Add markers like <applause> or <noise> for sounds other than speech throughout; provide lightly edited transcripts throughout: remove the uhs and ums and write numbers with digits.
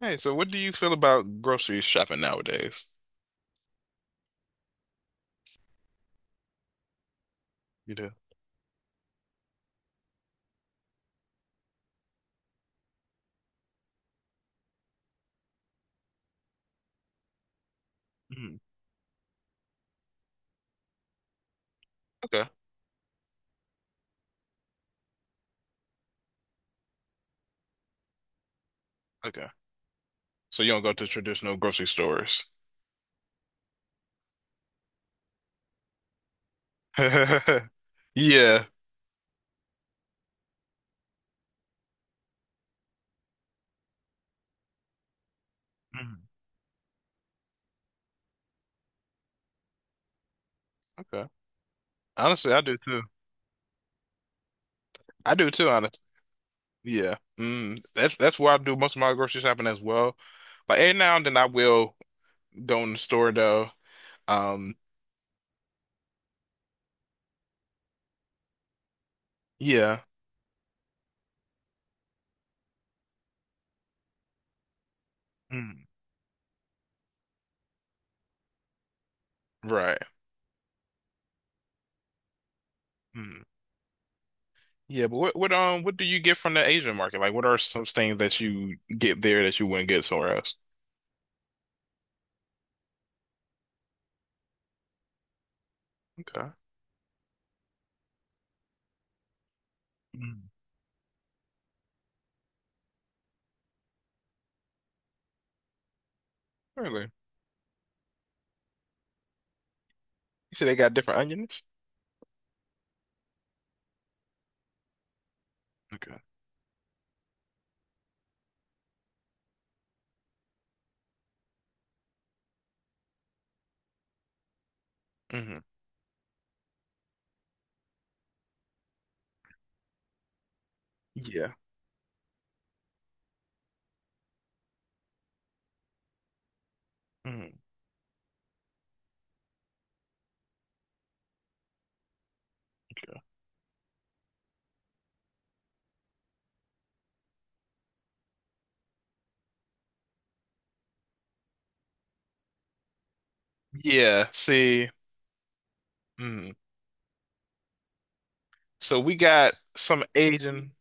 Hey, so what do you feel about grocery shopping nowadays? You do? Mm. Okay, okay. So you don't go to traditional grocery stores. <laughs> Yeah. Mhm. Okay. Honestly, I do too. I do too, honestly. Yeah. Mm. That's where I do most of my grocery shopping as well. Like every now and then I will go in the store though. Um, yeah. Mm. Right. Mm. Yeah, but what do you get from the Asian market? Like what are some things that you get there that you wouldn't get somewhere else? Okay. Really? You see, they got different onions? Okay. Hmm. Yeah. Hmm. Okay. Yeah. See. Mhm. So we got some Asian.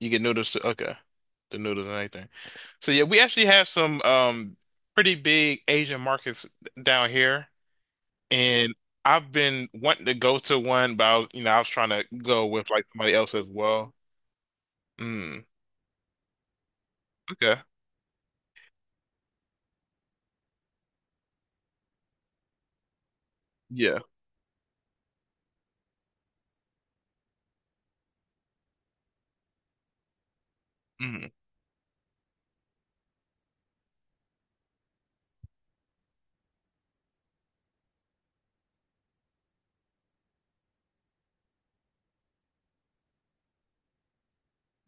You get noodles too. Okay. The noodles and anything. So yeah, we actually have some pretty big Asian markets down here, and I've been wanting to go to one, but I was, you know, I was trying to go with like somebody else as well. Mm. Okay. Yeah. Hmm.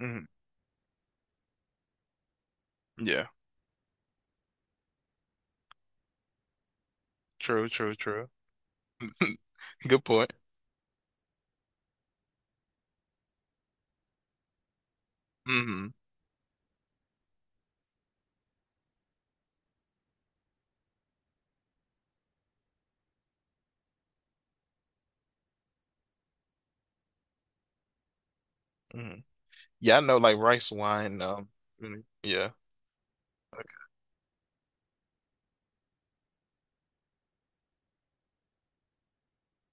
Hmm. Yeah. True. True. True. <laughs> Good point. Hmm. Hmm. Yeah, I know like rice wine. Mm, yeah. Okay.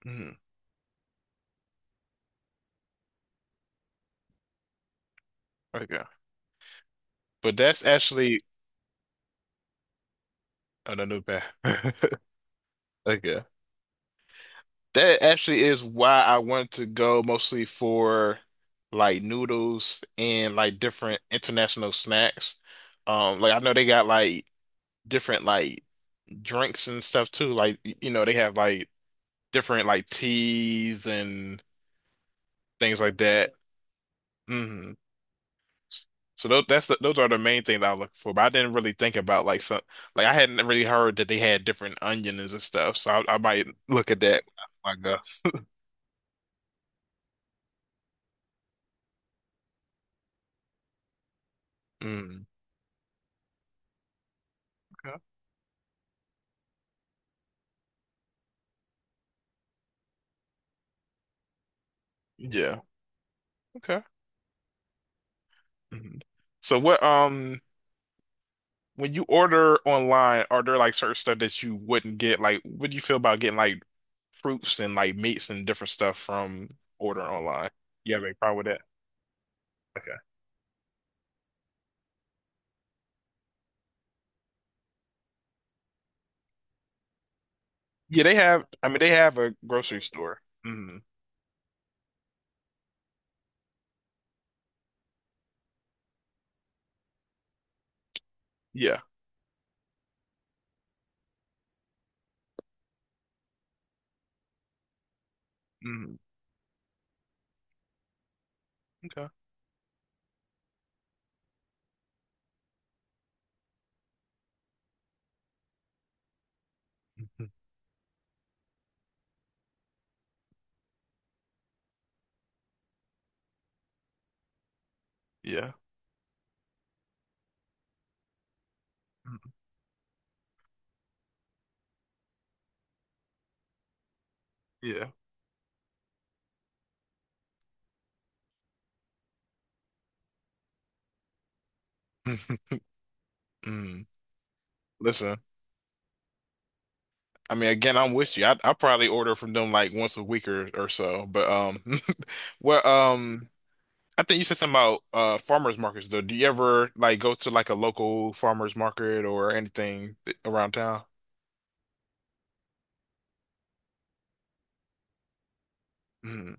Mhm. Okay. But that's actually oh, no, no bad. <laughs> Okay. That actually is why I wanted to go mostly for like noodles and like different international snacks. Like I know they got like different like drinks and stuff too. Like you know they have like different like teas and things like that. Mhm. So those are the main things I was looking for, but I didn't really think about like some like I hadn't really heard that they had different onions and stuff. So I might look at that when I go. Mm. Okay. Yeah. Okay. Mhm. So what when you order online, are there like certain stuff that you wouldn't get? Like, what do you feel about getting like fruits and like meats and different stuff from ordering online? You have a problem with that? Okay. Yeah, they have. I mean, they have a grocery store. Hmm. Yeah. Hmm. Okay. Mhm. Yeah. Yeah. <laughs> Mm. Listen, I mean, again, I'm with you. I probably order from them like once a week or so. But <laughs> well, um, I think you said something about farmers markets though. Do you ever like go to like a local farmers market or anything around town? Mm.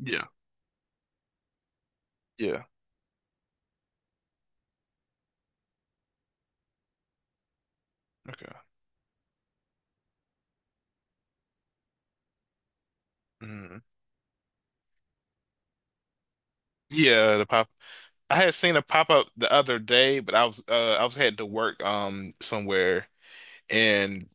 Yeah. Yeah. Okay. Mm. Yeah, the pop. I had seen a pop up the other day, but I was heading to work somewhere and.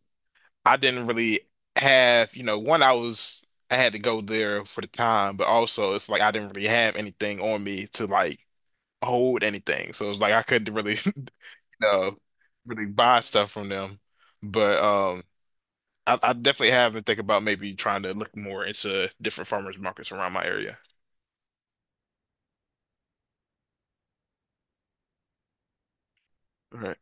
I didn't really have, you know, one, I was, I had to go there for the time, but also it's like I didn't really have anything on me to like hold anything. So it's like I couldn't really, <laughs> you know, really buy stuff from them. But I definitely have been thinking about maybe trying to look more into different farmers markets around my area. Right.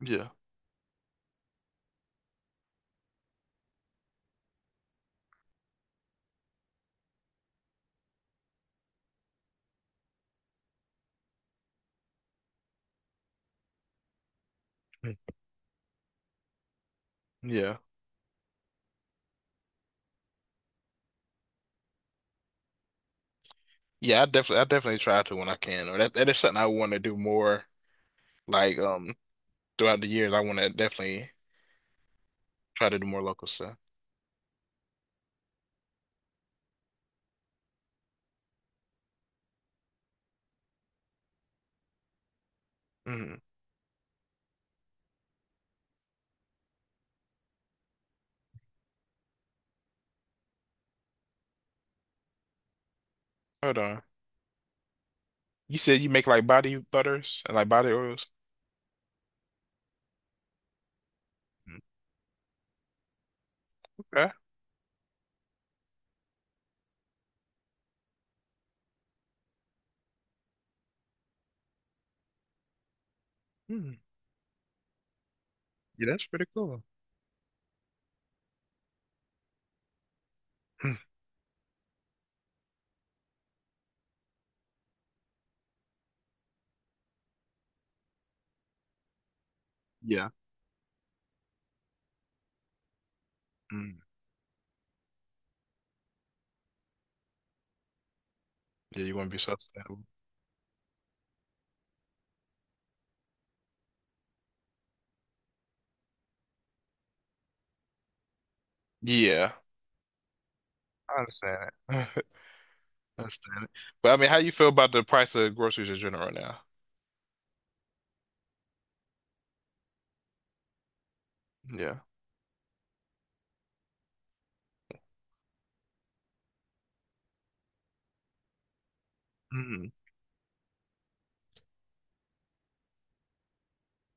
Yeah. Mm. Yeah. Yeah, I definitely I definitely try to when I can. Or that is something I want to do more like throughout the years. I want to definitely try to do more local stuff. Mhm. Hold on. You said you make like body butters and like body oils? Mm, okay. Hmm. Yeah, that's pretty cool. <laughs> Yeah. Mm. Yeah, you want to be sustainable. Yeah. I understand it. <laughs> I understand it. But I mean, how you feel about the price of groceries in general right now? Yeah. Mm.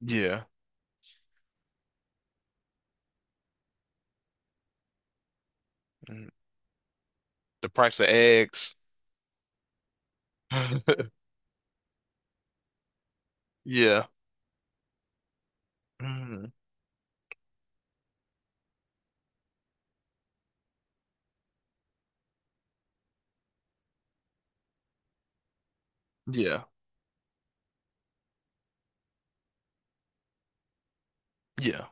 Yeah. Mm. The price of eggs. <laughs> Yeah. Mm. Yeah. Yeah.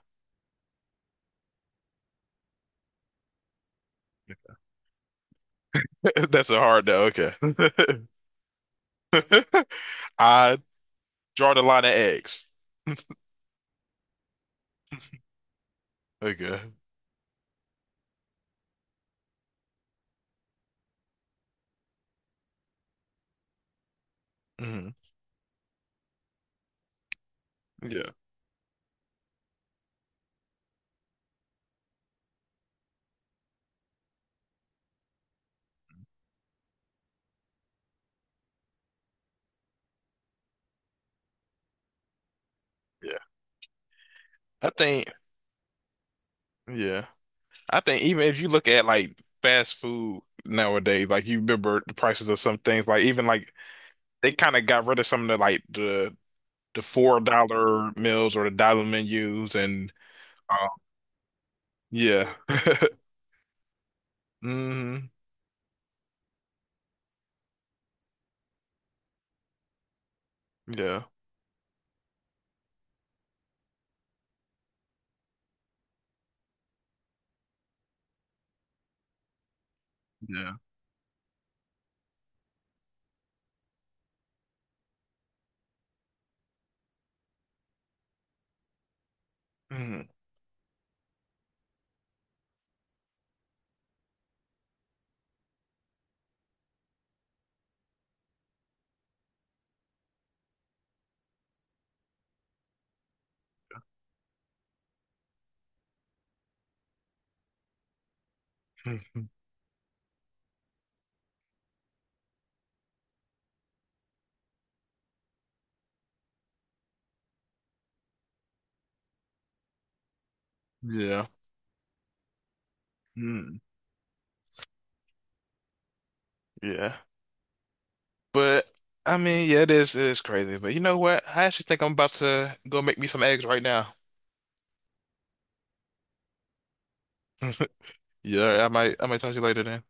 <laughs> That's a hard though. Okay. <laughs> I draw the line at eggs. Okay. Mhm. Yeah. Yeah. I think. Yeah. I think even if you look at like fast food nowadays, like you remember the prices of some things, like even like they kind of got rid of some of the like the $4 meals or the dollar menus and uh, yeah. <laughs> Hmm. Yeah. Yeah. Hmm. <laughs> Yeah. Mm. Yeah. But I mean, yeah, it is crazy. But you know what? I actually think I'm about to go make me some eggs right now. <laughs> Yeah, I might talk to you later then.